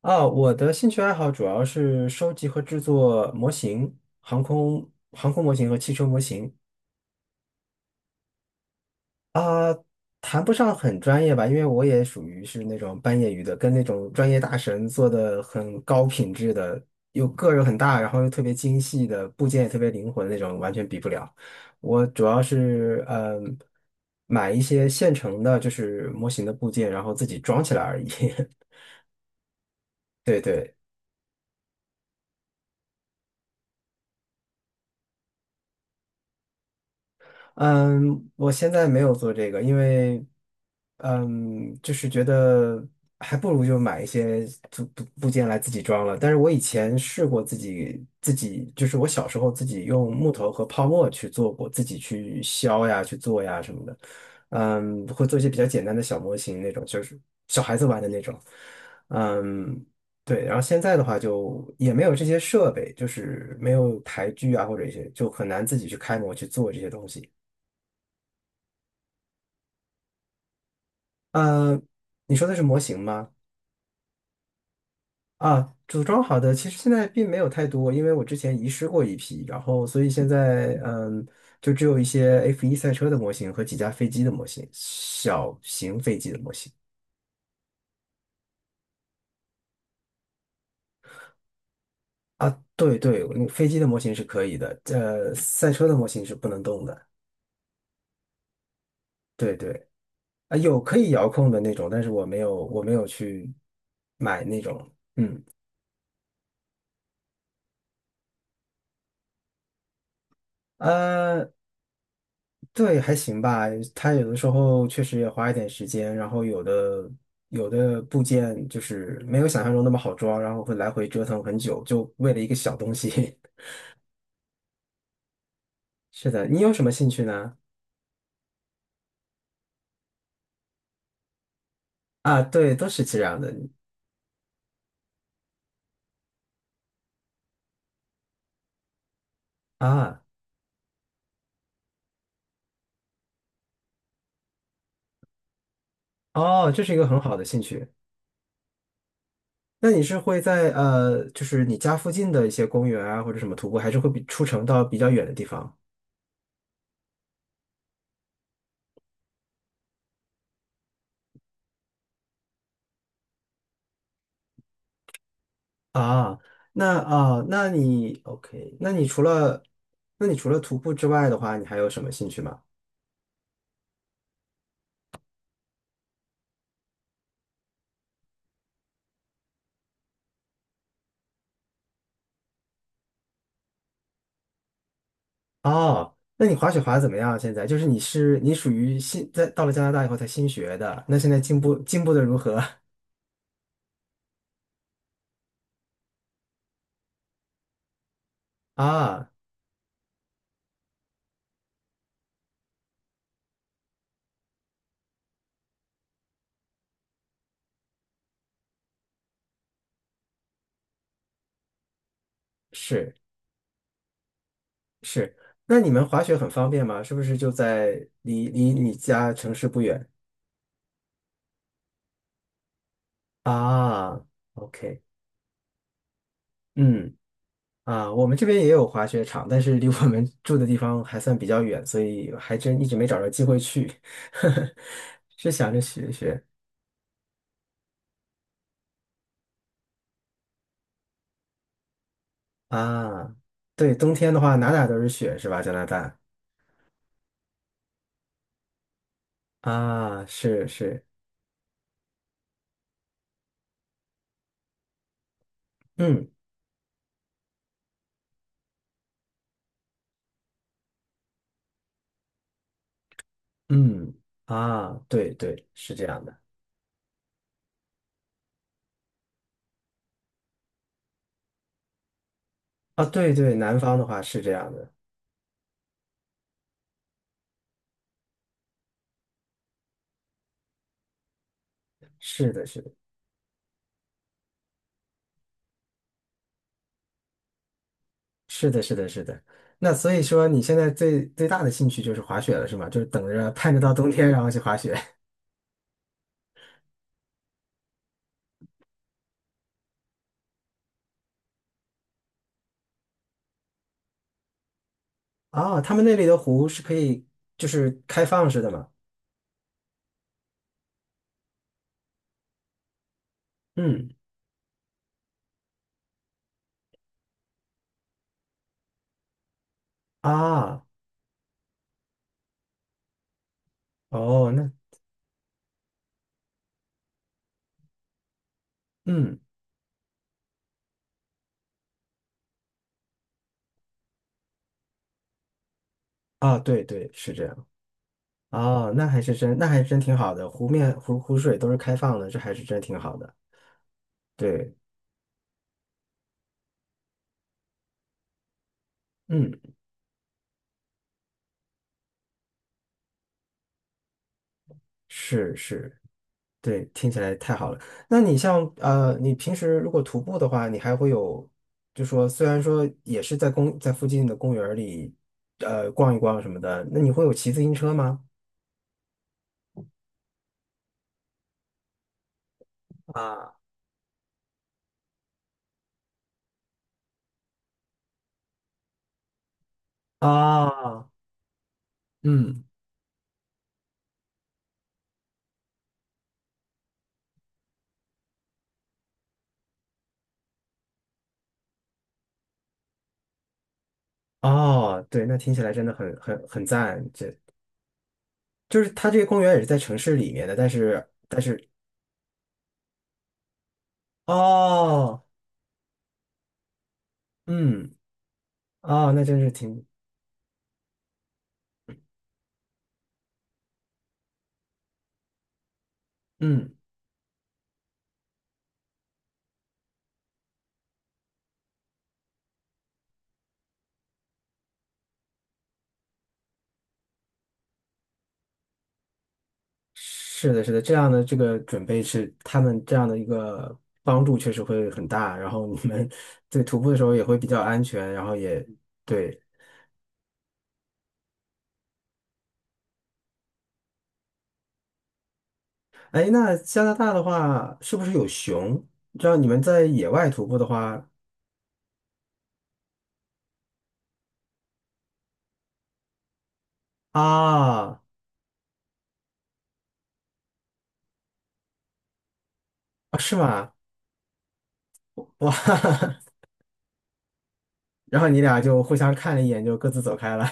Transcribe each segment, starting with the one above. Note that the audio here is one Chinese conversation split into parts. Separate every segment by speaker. Speaker 1: 啊，我的兴趣爱好主要是收集和制作模型，航空模型和汽车模型。啊，谈不上很专业吧，因为我也属于是那种半业余的，跟那种专业大神做的很高品质的，又个儿很大，然后又特别精细的部件也特别灵活的那种，完全比不了。我主要是买一些现成的，就是模型的部件，然后自己装起来而已。对对。嗯，我现在没有做这个，因为，就是觉得还不如就买一些组部件来自己装了。但是我以前试过自己，就是我小时候自己用木头和泡沫去做过，自己去削呀、去做呀什么的。会做一些比较简单的小模型那种，就是小孩子玩的那种。嗯，对。然后现在的话就也没有这些设备，就是没有台锯啊或者一些，就很难自己去开模去做这些东西。呃，你说的是模型吗？啊，组装好的，其实现在并没有太多，因为我之前遗失过一批，然后所以现在就只有一些 F1赛车的模型和几架飞机的模型，小型飞机的模型。对对，飞机的模型是可以的，赛车的模型是不能动的。对对，啊，有可以遥控的那种，但是我没有去买那种。嗯，呃。对，还行吧。他有的时候确实也花一点时间，然后有的部件就是没有想象中那么好装，然后会来回折腾很久，就为了一个小东西。是的，你有什么兴趣呢？啊，对，都是这样的啊。哦，这是一个很好的兴趣。那你是会在就是你家附近的一些公园啊，或者什么徒步，还是会比出城到比较远的地方啊？那啊，那你 OK？那你除了徒步之外的话，你还有什么兴趣吗？哦，那你滑雪滑的怎么样啊？现在就是你属于新在到了加拿大以后才新学的，那现在进步的如何？ 啊？是是，那你们滑雪很方便吗？是不是就在离你家城市不远啊？OK，嗯我们这边也有滑雪场，但是离我们 住的地方还算比较远，所以还真一直没找着机会去，是想着学一学啊。对，冬天的话哪哪都是雪是吧？加拿大。啊，是是，嗯嗯，啊，对对，是这样的，啊，对对，南方的话是这样的，是的，是的，是的，是的，是的。那所以说，你现在最最大的兴趣就是滑雪了，是吗？就是等着盼着到冬天，然后去滑雪。啊，他们那里的湖是可以，就是开放式的嘛。嗯，啊，哦，那，嗯，啊，对对，是这样。哦，那还真挺好的，湖面湖湖水都是开放的，这还是真挺好的。对，嗯。是是，对，听起来太好了。那你像你平时如果徒步的话，你还会有，就说虽然说也是在附近的公园儿里，逛一逛什么的，那你会有骑自行车吗？啊，啊，嗯，哦，对，那听起来真的很很很赞。这就是它这个公园也是在城市里面的，但是哦，嗯，哦，那真是挺，嗯。是的，是的，这样的这个准备是他们这样的一个帮助确实会很大，然后你们对徒步的时候也会比较安全，然后也对。哎，那加拿大的话是不是有熊？你知道你们在野外徒步的话。啊啊，是吗？哇，然后你俩就互相看了一眼，就各自走开了。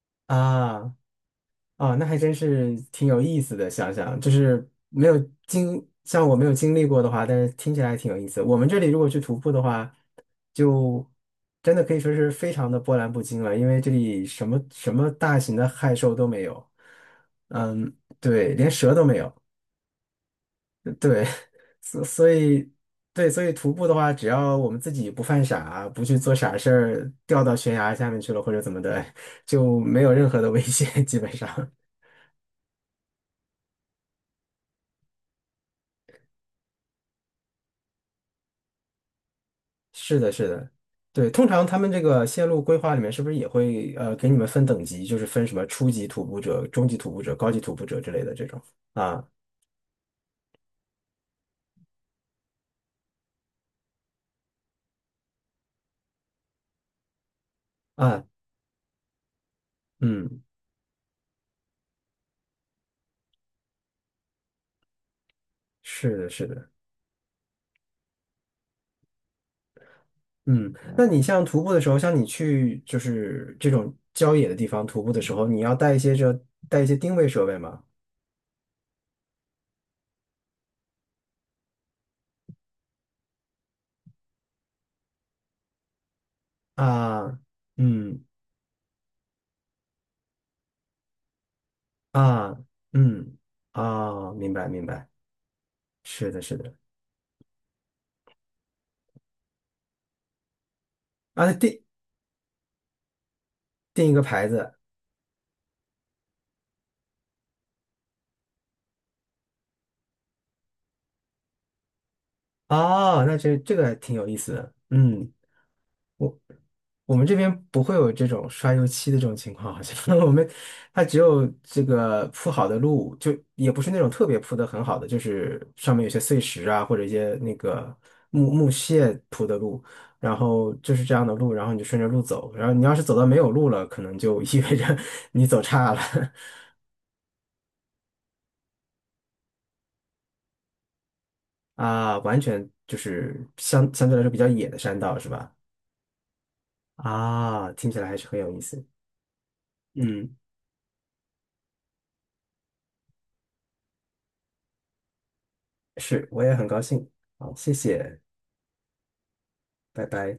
Speaker 1: 啊。啊，那还真是挺有意思的。想想就是没有经，像我没有经历过的话，但是听起来还挺有意思。我们这里如果去徒步的话，就真的可以说是非常的波澜不惊了，因为这里什么什么大型的害兽都没有，嗯，对，连蛇都没有，对，所以对，所以徒步的话，只要我们自己不犯傻，不去做傻事儿，掉到悬崖下面去了或者怎么的，就没有任何的危险，基本上。是的，是的，对，通常他们这个线路规划里面是不是也会给你们分等级，就是分什么初级徒步者、中级徒步者、高级徒步者之类的这种啊？啊，嗯，是的，是的，嗯，那你像徒步的时候，像你去就是这种郊野的地方徒步的时候，你要带一些定位设备吗？啊，嗯啊嗯啊，明白明白，是的，是的，啊，定一个牌子。啊，那这个还挺有意思的，嗯。我我们这边不会有这种刷油漆的这种情况，好像 它只有这个铺好的路，就也不是那种特别铺的很好的，就是上面有些碎石啊，或者一些那个木屑铺的路，然后就是这样的路，然后你就顺着路走，然后你要是走到没有路了，可能就 意味着 你走岔了。 啊，完全就是相对来说比较野的山道是吧？啊，听起来还是很有意思，嗯，是，我也很高兴，好，谢谢，拜拜。